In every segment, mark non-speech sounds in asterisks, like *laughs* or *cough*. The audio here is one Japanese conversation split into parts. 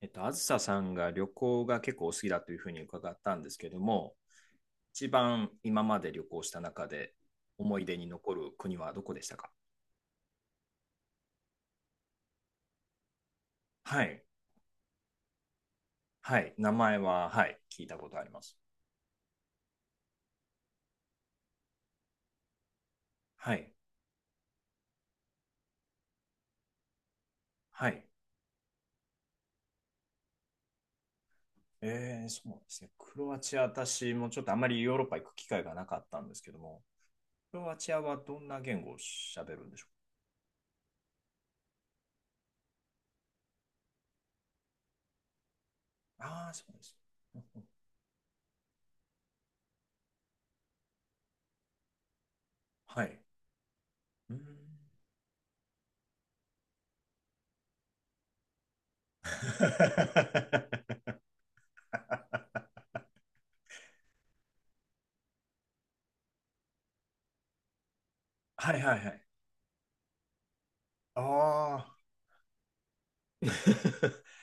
あずささんが旅行が結構お好きだというふうに伺ったんですけども、一番今まで旅行した中で思い出に残る国はどこでしたか？はい。はい。名前は、はい。聞いたことあります。はい。はい。そうですね。クロアチア、私もちょっとあまりヨーロッパ行く機会がなかったんですけども、クロアチアはどんな言語を喋るんでしょうか？ああー、そうです。うんうん。はい。うーん。*laughs* はいはいはい。ああ、*laughs*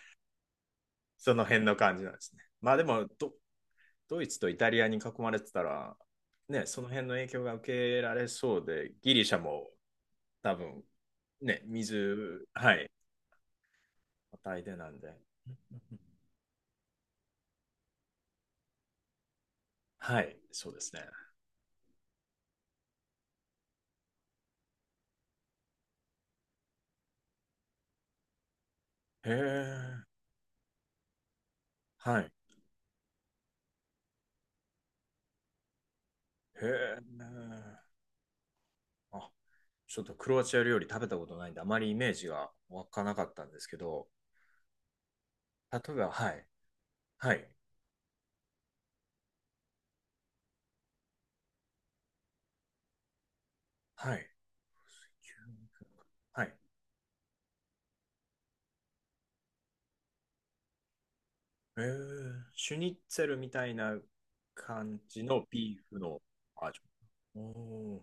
その辺の感じなんですね。まあでもド、ドイツとイタリアに囲まれてたら、ね、その辺の影響が受けられそうで、ギリシャも多分、ね、水、はい、与えてなんで。はい、そうですね。へえ、はい、へえ、あ、ちょっとクロアチア料理食べたことないんで、あまりイメージが湧かなかったんですけど、例えば、はい、はい、はい、はい。えー、シュニッツェルみたいな感じのビーフのバージョン。おー。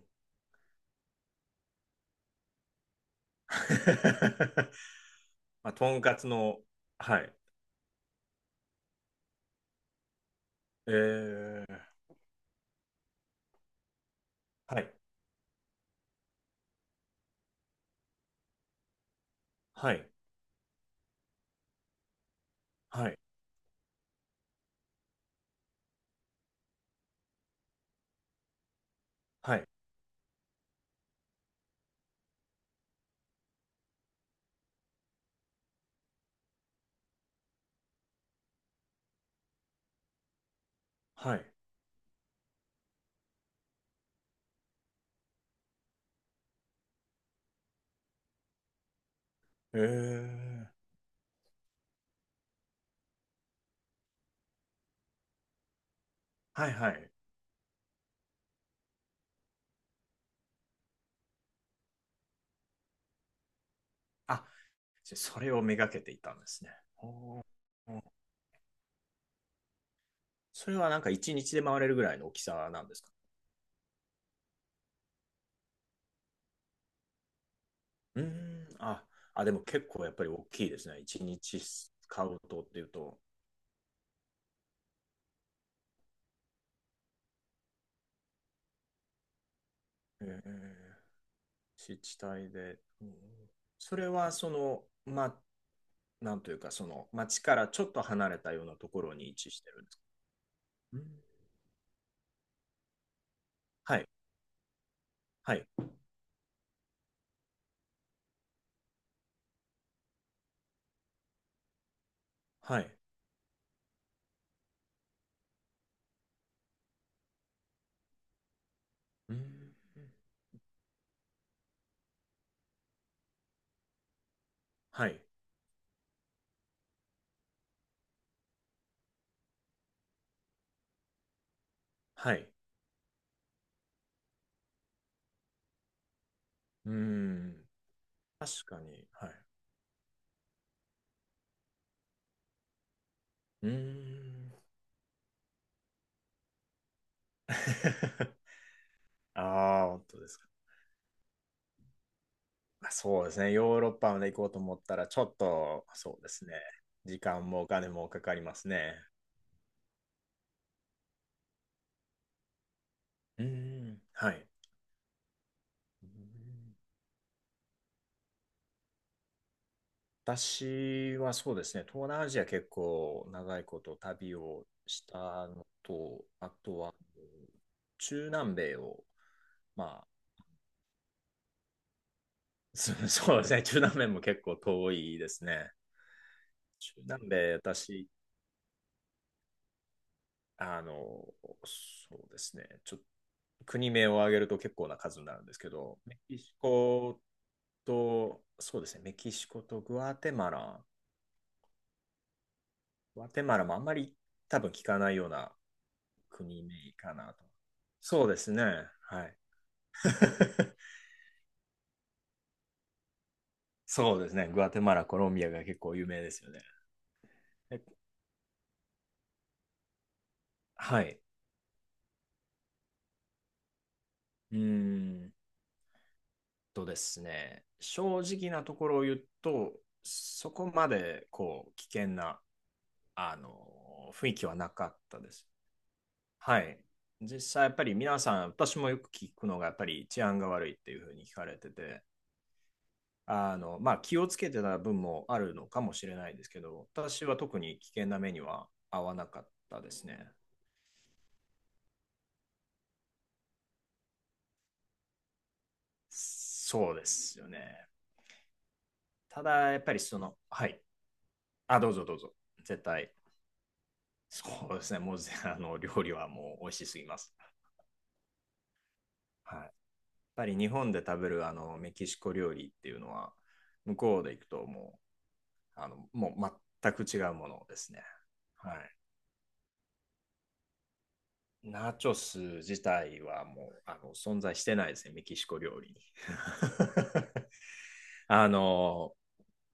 *laughs* まあ、とんかつの、はい。えー、はい、はい、はい、はい、はい。えー、はい、はい。あ、じゃそれをめがけていたんですね。おー。それはなんか1日で回れるぐらいの大きさなんですか？うーん、あ、あ、でも結構やっぱり大きいですね。1日使うとっていうと。えー。自治体で、うん。それはその、まあ、なんというか、その町からちょっと離れたようなところに位置してるんですか？うん。はい、はい、はい、うん。はい、はい。うん。確かに、はい。うーん。 *laughs* ああ、本当ですか。まあ、そうですね。ヨーロッパまで行こうと思ったら、ちょっと、そうですね。時間もお金もかかりますね。うん。はい。うん。私はそうですね、東南アジア結構長いこと旅をしたのと、あとは中南米を、まあ、*laughs* そうですね、中南米も結構遠いですね。中南米、私、あの、そうですね、ちょっと国名を挙げると結構な数になるんですけど、メキシコと、そうですね、メキシコとグアテマラ、グアテマラもあんまり多分聞かないような国名かなと。そうですね。はい。*laughs* そうですね。グアテマラ、コロンビアが結構有名ですよね。え、はい。うーんとですね。正直なところを言うと、そこまでこう危険なあの雰囲気はなかったです。はい。実際やっぱり皆さん、私もよく聞くのがやっぱり治安が悪いっていうふうに聞かれてて、まあ、気をつけてた分もあるのかもしれないですけど、私は特に危険な目には合わなかったですね。そうですよね。ただ、やっぱりその、はい。あ、どうぞどうぞ。絶対。そうですね。もう。 *laughs* 料理はもう美味しすぎます。はい。やっぱり日本で食べるあのメキシコ料理っていうのは、向こうで行くともう、もう全く違うものですね。はい。ナチョス自体はもうあの存在してないですね、メキシコ料理に。*laughs* あの、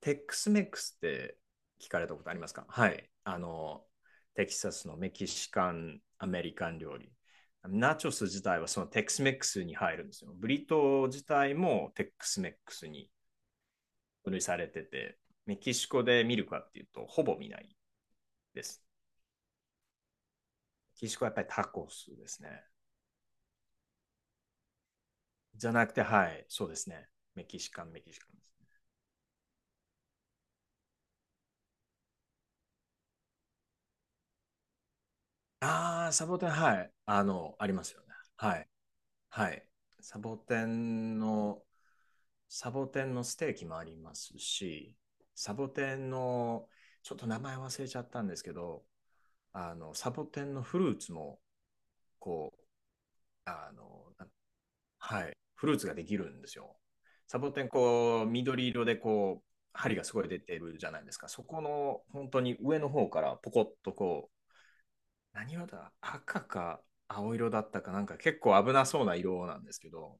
テックスメックスって聞かれたことありますか？はい。テキサスのメキシカン、アメリカン料理。ナチョス自体はそのテックスメックスに入るんですよ。ブリトー自体もテックスメックスに分類されてて、メキシコで見るかっていうと、ほぼ見ないです。メキシコはやっぱりタコスですね。じゃなくて、はい、そうですね。メキシカンです。ああ、サボテン、はい。ありますよね。はい。はい。サボテンの、サボテンのステーキもありますし、サボテンの、ちょっと名前忘れちゃったんですけど、サボテンのフルーツも、こう、あの、なはい、フルーツができるんですよ。サボテン、こう、緑色で、こう、針がすごい出てるじゃないですか。そこの、本当に上の方から、ポコッと、こ何色だ、赤か青色だったかなんか結構危なそうな色なんですけど、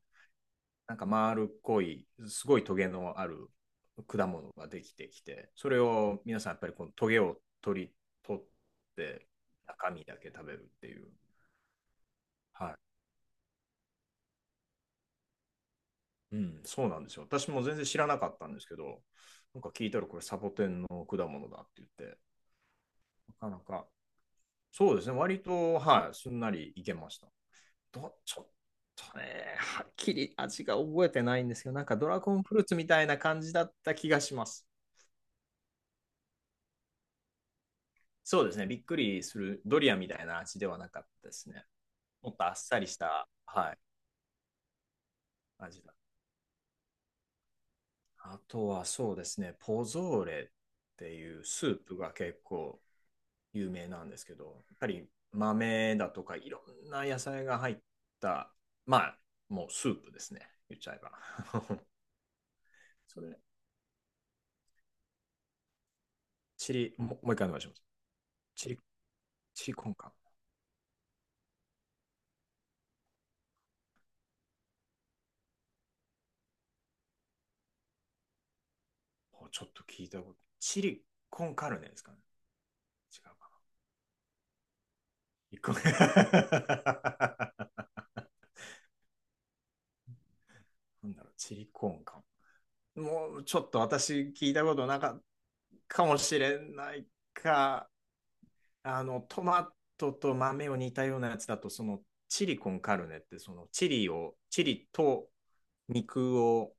なんか丸っこい、すごいトゲのある果物ができてきて、それを皆さんやっぱりこのトゲを取り、取って中身だけ食べるっていう。はい。うん、そうなんですよ。私も全然知らなかったんですけど、なんか聞いたらこれサボテンの果物だって言って、なかなか、そうですね、割と、はい、すんなりいけました。ど、ちょっとね、はっきり味が覚えてないんですけど、なんかドラゴンフルーツみたいな感じだった気がします。そうですね、びっくりするドリアンみたいな味ではなかったですね。もっとあっさりした味だ。あとはそうですね、ポゾーレっていうスープが結構有名なんですけど、やっぱり豆だとかいろんな野菜が入った、まあ、もうスープですね、言っちゃえば。*laughs* それ、チリ、ももう一回お願いします。チリ、チリコンカン。う、ちょっと聞いたこと。チリコンカルネですかね、違うかな。一個目。*laughs* なんだろう、チリコンか。もうちょっと私聞いたことなかったかもしれないか、トマトと豆を煮たようなやつだと、そのチリコンカルネって、そのチリと肉を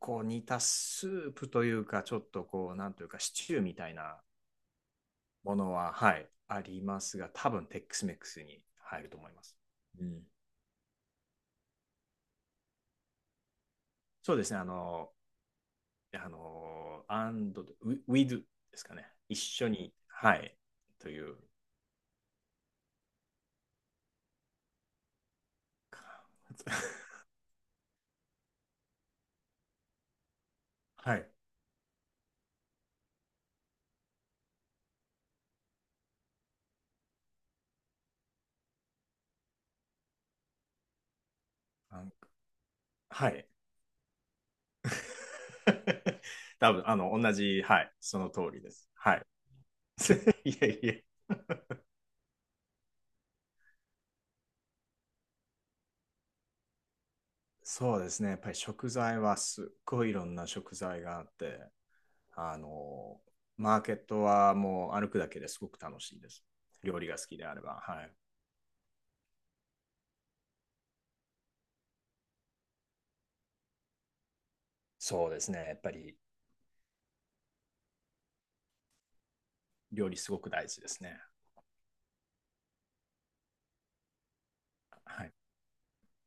こう煮たスープというか、ちょっとこう、なんというか、シチューみたいなものは、はい、ありますが、多分テックスメックスに入ると思います。うん。そうですね、and, with ですかね。一緒に、はい、という。 *laughs* 感じ。*laughs* はい、はい。*laughs* 多分、同じ、はい、その通りです。はい。*laughs* いやいや。そうですね。やっぱり食材はすっごいいろんな食材があって、あの、マーケットはもう歩くだけですごく楽しいです。料理が好きであれば、はい。そうですね。やっぱり料理すごく大事ですね。はい。